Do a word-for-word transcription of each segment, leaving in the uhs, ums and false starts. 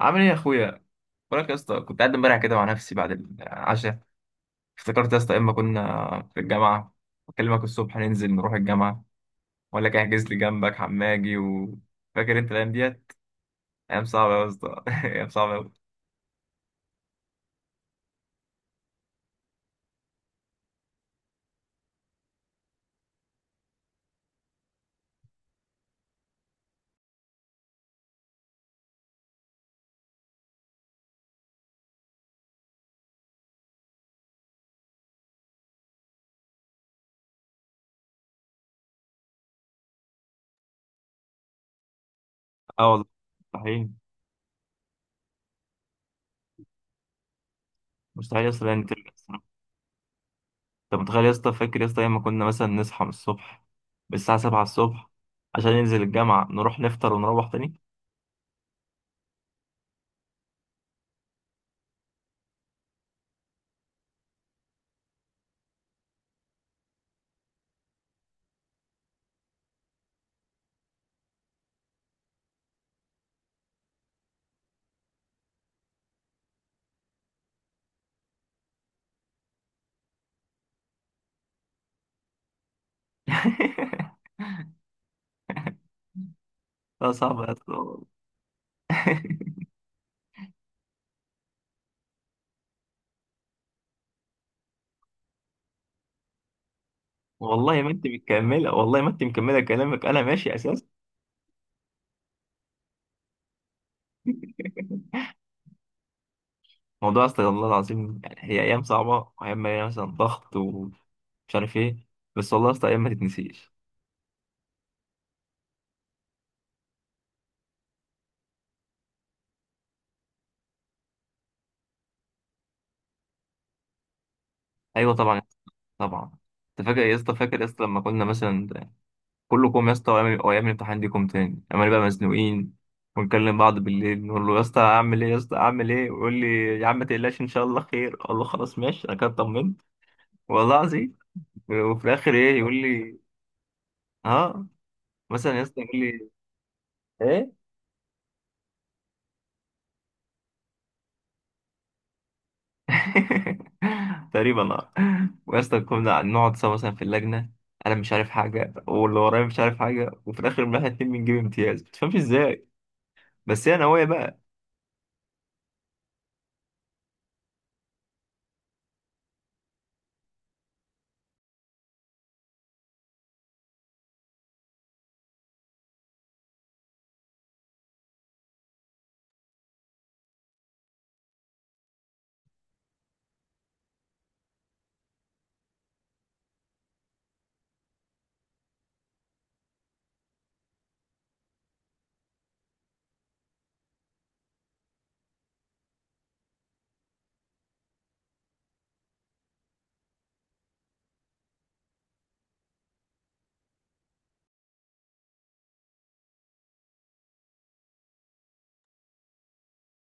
عامل ايه يا اخويا؟ بقولك يا اسطى، كنت قاعد امبارح كده مع نفسي بعد العشاء. افتكرت يا اسطى اما كنا في الجامعه اكلمك الصبح ننزل نروح الجامعه ولا كان احجز لي جنبك حماجي، وفاكر انت الايام ديت؟ ايام صعبه يا اسطى ايام صعبه أوي. اه والله، مستحيل، مستحيل يا اسطى يعني ترجع الصراحة. انت متخيل يا اسطى؟ فاكر يا اسطى ايام ما كنا مثلا نصحى من الصبح، من الساعة سبعة الصبح، عشان ننزل الجامعة نروح نفطر ونروح تاني. لا صعب يا اسطى والله. والله ما انت مكمله، والله ما انت مكمله كلامك، انا ماشي اساسا. موضوع استغفر الله العظيم، يعني هي ايام صعبه وايام مليانه مثلا ضغط ومش عارف ايه، بس والله يا اسطى ايام ما تتنسيش. ايوه طبعا يا اسطى، طبعا. انت فاكر يا اسطى؟ فاكر يا اسطى لما كنا مثلا كله كوم يا اسطى، وايام وايام الامتحان دي كوم تاني، اما نبقى مزنوقين ونكلم بعض بالليل، نقول له يا اسطى اعمل ايه يا اسطى اعمل ايه، ويقول لي يا عم ما تقلقش ان شاء الله خير. اقول له خلاص ماشي، انا كده اطمنت والله العظيم. وفي الاخر ايه يقول لي؟ اه مثلا يا اسطى يقول لي ايه؟ تقريبا اه. ويا اسطى كنا نقعد سوا مثلا في اللجنه، انا مش عارف حاجه، واللي ورايا مش عارف حاجه، وفي الاخر إن احنا اتنين بنجيب امتياز ما تفهمش ازاي. بس هي نوايا بقى.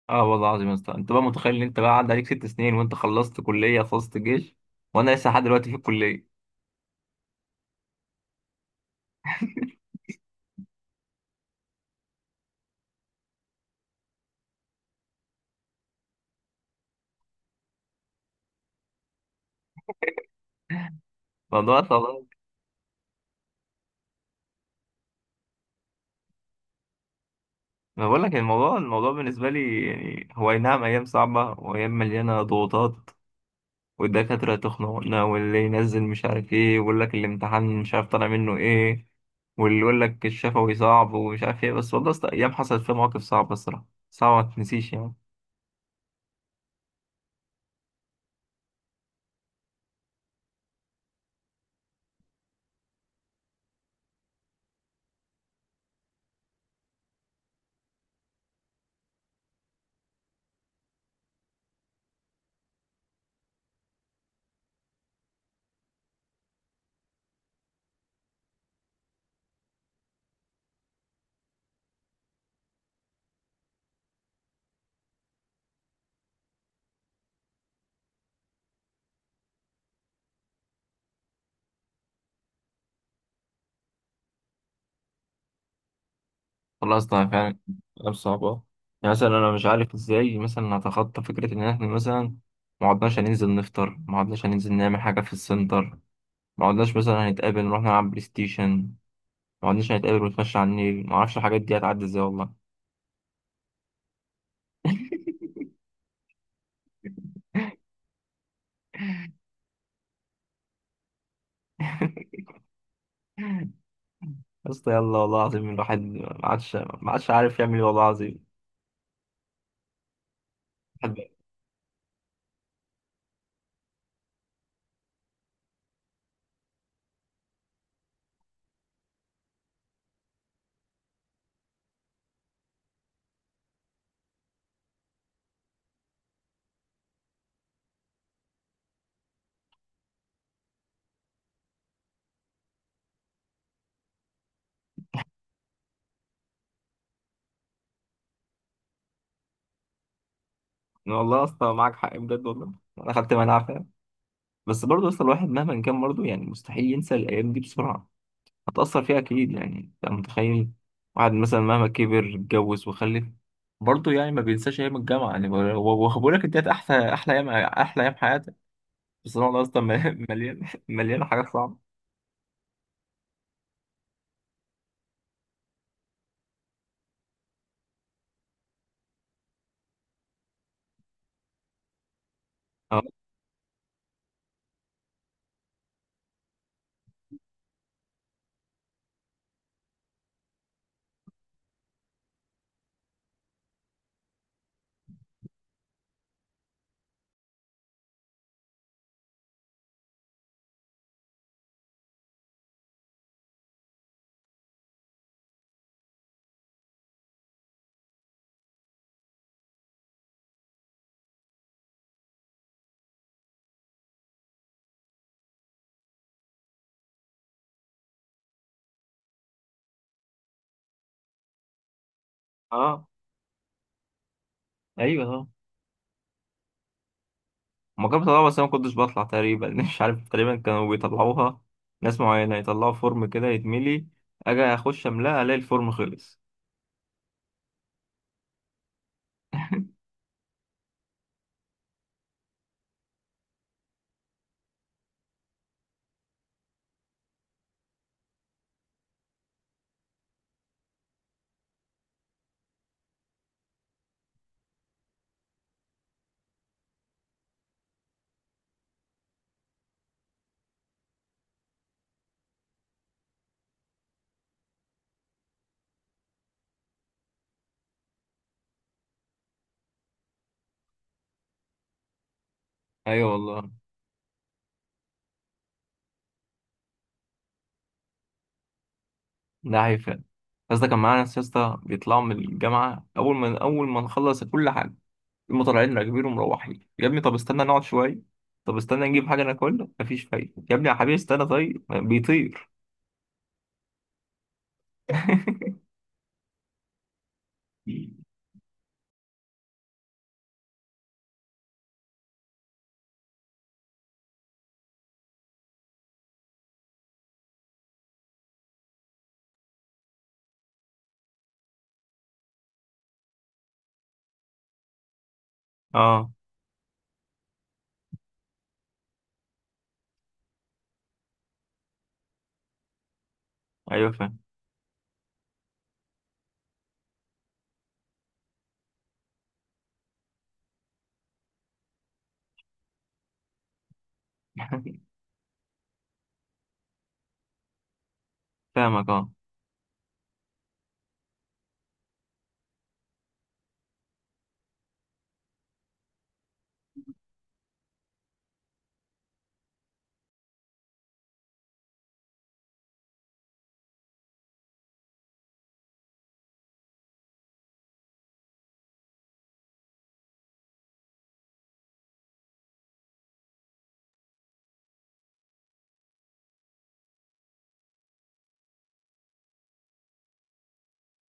اه والله العظيم يا اسطى، انت بقى متخيل ان انت بقى عدى عليك ست سنين، وانت خلصت كليه، خلصت الجيش، وانا لسه لحد دلوقتي في الكليه. الموضوع طبعا. ما بقول لك، الموضوع الموضوع بالنسبه لي يعني، هو اي نعم ايام صعبه وايام مليانه ضغوطات، والدكاترة تخنقنا، واللي ينزل مش عارف ايه ويقول لك الامتحان مش عارف طالع منه ايه، واللي يقول لك الشفوي صعب ومش عارف ايه، بس والله أصلاً أيام حصلت فيها مواقف صعبة الصراحة، صعبة ما تنسيش يعني. والله أصلا فعلا أيام صعبة. يعني مثلا أنا مش عارف ازاي مثلا أتخطى فكرة إن احنا مثلا ما عدناش هننزل نفطر، ما عدناش هننزل نعمل حاجة في السنتر، ما عدناش مثلا هنتقابل نروح نلعب بلاي ستيشن، ما عدناش هنتقابل ونتمشى على النيل. ما أعرفش الحاجات دي هتعدي ازاي والله. يا اسطى يلا، والله العظيم الواحد ما عادش ما عادش عارف يعمل ايه، والله العظيم. الواحد- والله يا اسطى معاك حق بجد، والله انا خدت مناعه فعلا. بس برضه يا اسطى الواحد مهما كان برضه، يعني مستحيل ينسى الايام دي بسرعه، هتاثر فيها اكيد يعني. انت متخيل؟ واحد مثلا مهما كبر اتجوز وخلف، برضه يعني ما بينساش ايام الجامعه يعني. وبقول لك ديت احسن احلى ايام احلى ايام حياتك، بس والله يا اسطى مليان مليان حاجات صعبه. اه اه، ايوه آه. هما كانوا بيطلعوها بس أنا ما كنتش بطلع تقريبا، مش عارف، تقريبا كانوا بيطلعوها ناس معينة، يطلعوا فورم كده يتملي، أجي أخش أملاه ألاقي الفورم خلص. أيوة والله. ده حقيقي فعلا. بس ده كان معانا ناس يا اسطى بيطلعوا من الجامعة أول ما أول ما نخلص كل حاجة، هما طالعين راكبين ومروحين. يا ابني طب استنى نقعد شوية، طب استنى نجيب حاجة ناكلها. مفيش فايدة يا ابني، يا حبيبي استنى طيب، بيطير. اه، ايوه فاهم. فاهمك اه.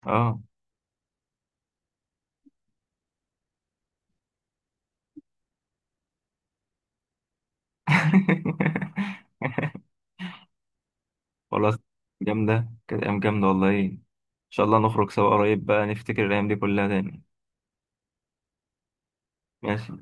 اه. خلاص. جامدة، كانت أيام جامدة والله. إن شاء الله نخرج سوا قريب بقى، نفتكر الأيام دي كلها تاني. ماشي.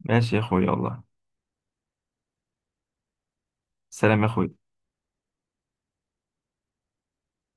ماشي يا أخوي والله. سلام يا أخوي.